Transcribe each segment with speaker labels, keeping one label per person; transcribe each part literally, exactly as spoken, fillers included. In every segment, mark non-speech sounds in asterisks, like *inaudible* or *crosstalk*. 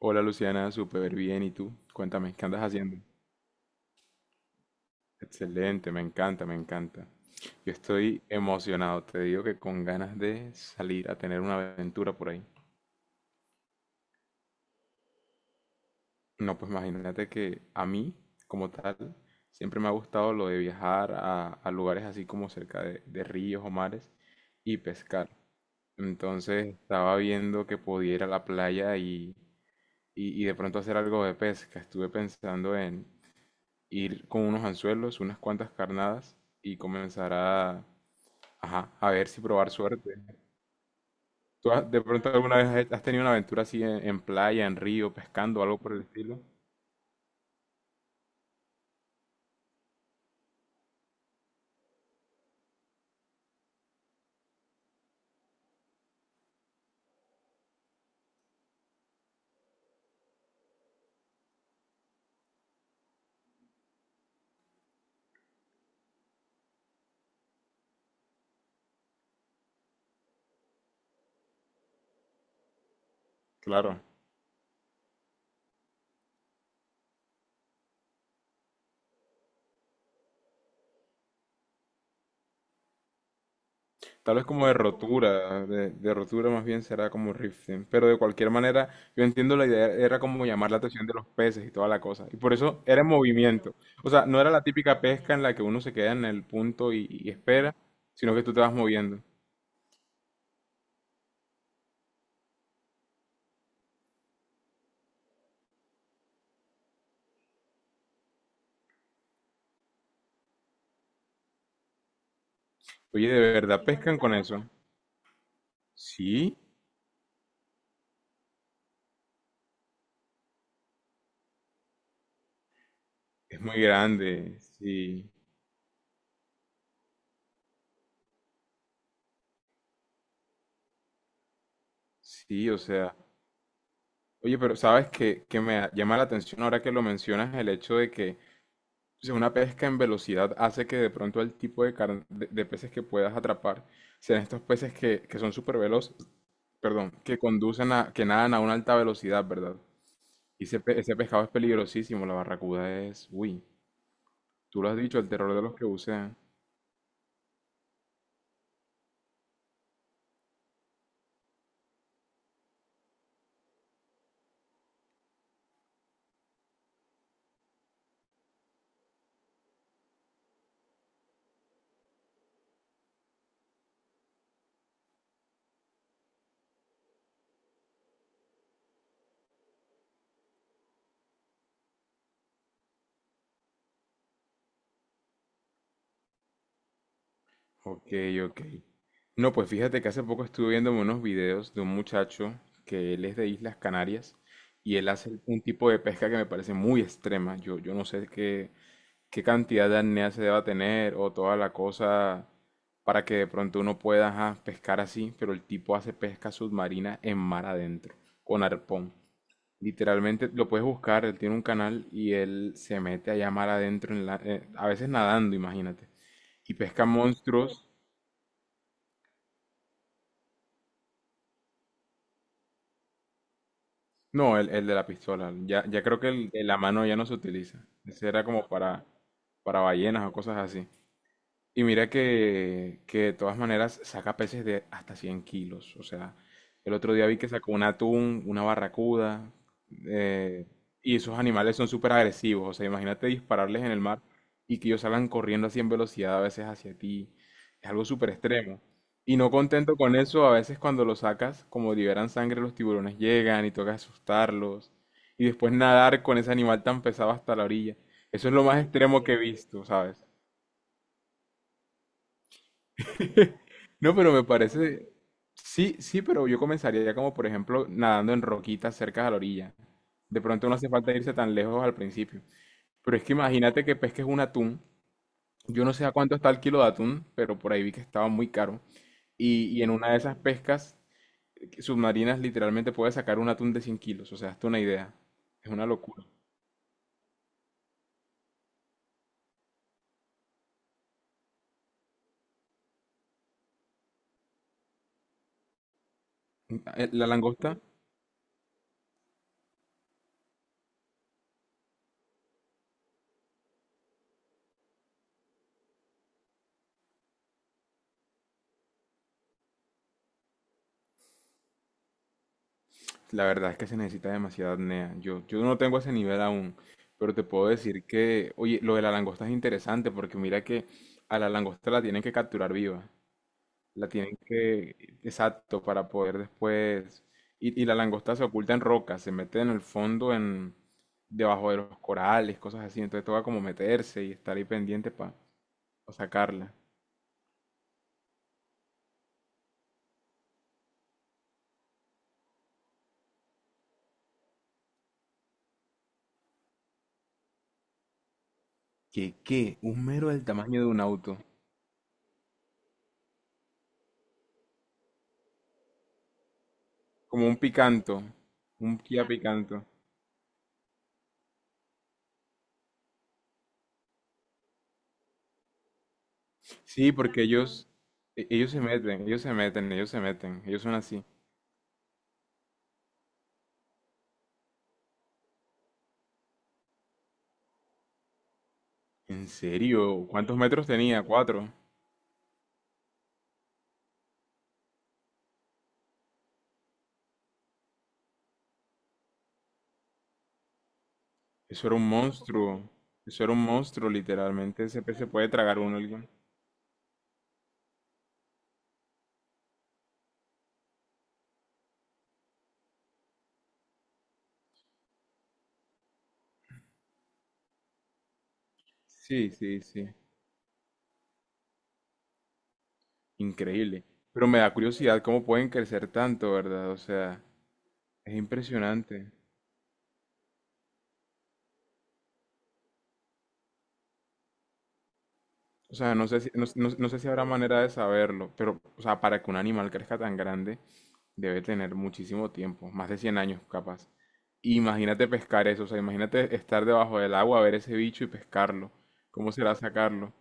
Speaker 1: Hola Luciana, súper bien. ¿Y tú? Cuéntame, ¿qué andas haciendo? Excelente, me encanta, me encanta. Yo estoy emocionado, te digo que con ganas de salir a tener una aventura por ahí. No, pues imagínate que a mí, como tal, siempre me ha gustado lo de viajar a, a lugares así como cerca de, de ríos o mares y pescar. Entonces estaba viendo que podía ir a la playa y, y- y de pronto hacer algo de pesca. Estuve pensando en ir con unos anzuelos, unas cuantas carnadas y comenzar a, ajá, a ver si probar suerte. ¿Tú has- de pronto alguna vez has hecho- has tenido una aventura así en, en playa, en río, pescando, algo por el estilo? Claro. Tal vez como de rotura, de, de rotura más bien será como rifting, pero de cualquier manera yo entiendo la idea, era como llamar la atención de los peces y toda la cosa, y por eso era en movimiento. O sea, no era la típica pesca en la que uno se queda en el punto y, y espera, sino que tú te vas moviendo. Oye, ¿de verdad pescan con eso? Sí, es muy grande, sí, sí. O sea, oye, pero sabes que, que me llama la atención ahora que lo mencionas el hecho de que, o sea, una pesca en velocidad hace que de pronto el tipo de, car- de, de peces que puedas atrapar sean estos peces que, que son súper veloces, perdón, que conducen a, que nadan a una alta velocidad, ¿verdad? Y ese, pe- ese pescado es peligrosísimo, la barracuda es, uy, tú lo has dicho, el terror de los que bucean. Ok, ok. No, pues fíjate que hace poco estuve viendo unos videos de un muchacho que él es de Islas Canarias y él hace un tipo de pesca que me parece muy extrema. Yo, yo no sé qué, qué cantidad de apnea se deba tener o toda la cosa para que de pronto uno pueda ajá, pescar así, pero el tipo hace pesca submarina en mar adentro, con arpón. Literalmente lo puedes buscar, él tiene un canal y él se mete allá mar adentro, en la- eh, a veces nadando, imagínate, y pesca monstruos. No, el, el de la pistola. Ya, ya creo que el de la mano ya no se utiliza. Ese era como para, para ballenas o cosas así. Y mira que, que de todas maneras saca peces de hasta 100 kilos. O sea, el otro día vi que sacó un atún, una barracuda. eh, y esos animales son súper agresivos. O sea, imagínate dispararles en el mar y que ellos salgan corriendo así en velocidad a veces hacia ti. Es algo súper extremo. Y no contento con eso, a veces cuando los sacas, como liberan sangre, los tiburones llegan y toca asustarlos. Y después nadar con ese animal tan pesado hasta la orilla. Eso es lo más extremo que he visto, ¿sabes? No, pero me parece, sí, sí, pero yo comenzaría ya como, por ejemplo, nadando en roquitas cerca de la orilla. De pronto no hace falta irse tan lejos al principio. Pero es que imagínate que pesques un atún. Yo no sé a cuánto está el kilo de atún, pero por ahí vi que estaba muy caro. Y, y en una de esas pescas submarinas literalmente puedes sacar un atún de cien kilos. O sea, hazte una idea. Es una locura. La langosta, la verdad es que se necesita demasiada apnea. Yo, yo no tengo ese nivel aún, pero te puedo decir que, oye, lo de la langosta es interesante porque mira que a la langosta la tienen que capturar viva. La tienen que, exacto, para poder después... Y, y la langosta se oculta en rocas, se mete en el fondo, en debajo de los corales, cosas así. Entonces toca como meterse y estar ahí pendiente para sacarla. ¿Qué, qué? Un mero del tamaño de un auto. Como un picanto. Un Kia picanto. Sí, porque ellos, e- ellos se meten, ellos se meten, ellos se meten, ellos son así. ¿En serio? ¿Cuántos metros tenía? Cuatro. Eso era un monstruo. Eso era un monstruo, literalmente. Ese pez se puede tragar uno alguien. Sí, sí, sí. Increíble. Pero me da curiosidad cómo pueden crecer tanto, ¿verdad? O sea, es impresionante. O sea, no sé si, no, no- no sé si habrá manera de saberlo, pero, o sea, para que un animal crezca tan grande, debe tener muchísimo tiempo, más de cien años capaz. Imagínate pescar eso, o sea, imagínate estar debajo del agua, ver ese bicho y pescarlo. ¿Cómo será sacarlo?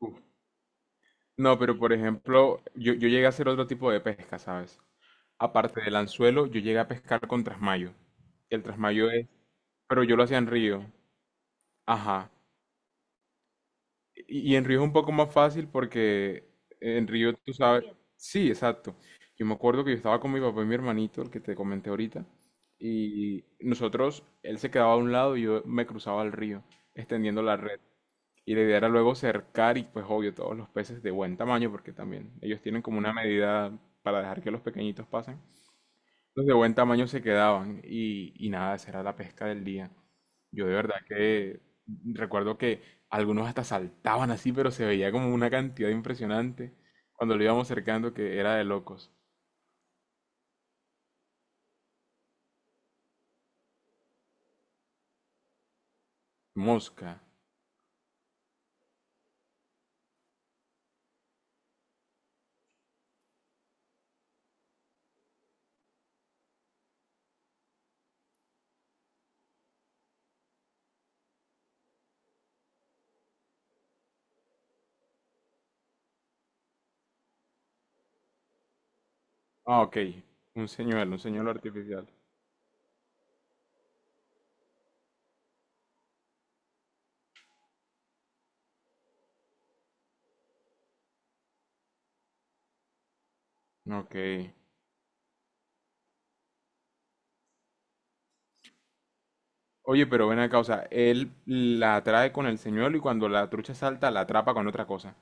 Speaker 1: Uf. No, pero por ejemplo, yo, yo llegué a hacer otro tipo de pesca, ¿sabes? Aparte del anzuelo, yo llegué a pescar con trasmayo. El trasmayo es, pero yo lo hacía en río. Ajá. Y y en río es un poco más fácil porque en río tú sabes. Sí, exacto. Yo me acuerdo que yo estaba con mi papá y mi hermanito, el que te comenté ahorita, y nosotros, él se quedaba a un lado y yo me cruzaba al río, extendiendo la red. Y la idea era luego cercar y pues obvio todos los peces de buen tamaño, porque también ellos tienen como una medida para dejar que los pequeñitos pasen. Los de buen tamaño se quedaban y, y nada, esa era la pesca del día. Yo de verdad que recuerdo que algunos hasta saltaban así, pero se veía como una cantidad impresionante cuando lo íbamos cercando que era de locos. Mosca. Ah, ok. Un señuelo, un señuelo artificial. Ok. Oye, pero ven acá, o sea, él la atrae con el señuelo y cuando la trucha salta la atrapa con otra cosa.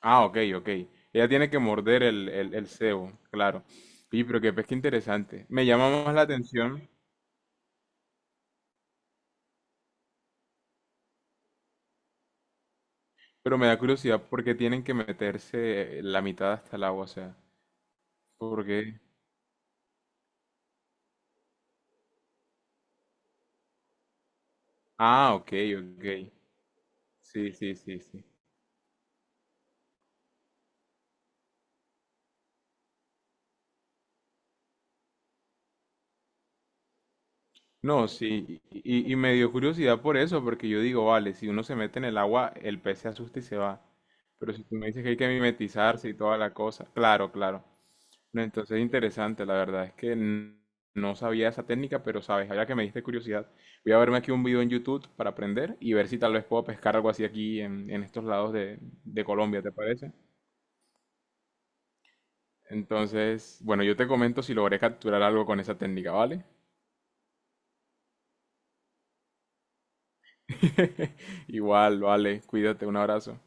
Speaker 1: Ah, ok, ok. Ella tiene que morder el, el, el cebo, claro. Y pero qué pesca interesante. Me llama más la atención, pero me da curiosidad por qué tienen que meterse la mitad hasta el agua, o sea, ¿por qué? Ah, ok, ok. Sí, sí, sí, sí. No, sí, y, y- y me dio curiosidad por eso, porque yo digo, vale, si uno se mete en el agua, el pez se asusta y se va. Pero si tú me dices que hay que mimetizarse y toda la cosa, claro, claro. No, entonces, interesante, la verdad es que n- no sabía esa técnica, pero sabes, ahora que me diste curiosidad, voy a verme aquí un video en YouTube para aprender y ver si tal vez puedo pescar algo así aquí en, en estos lados de, de Colombia, ¿te parece? Entonces, bueno, yo te comento si logré capturar algo con esa técnica, ¿vale? *laughs* Igual, vale, cuídate, un abrazo.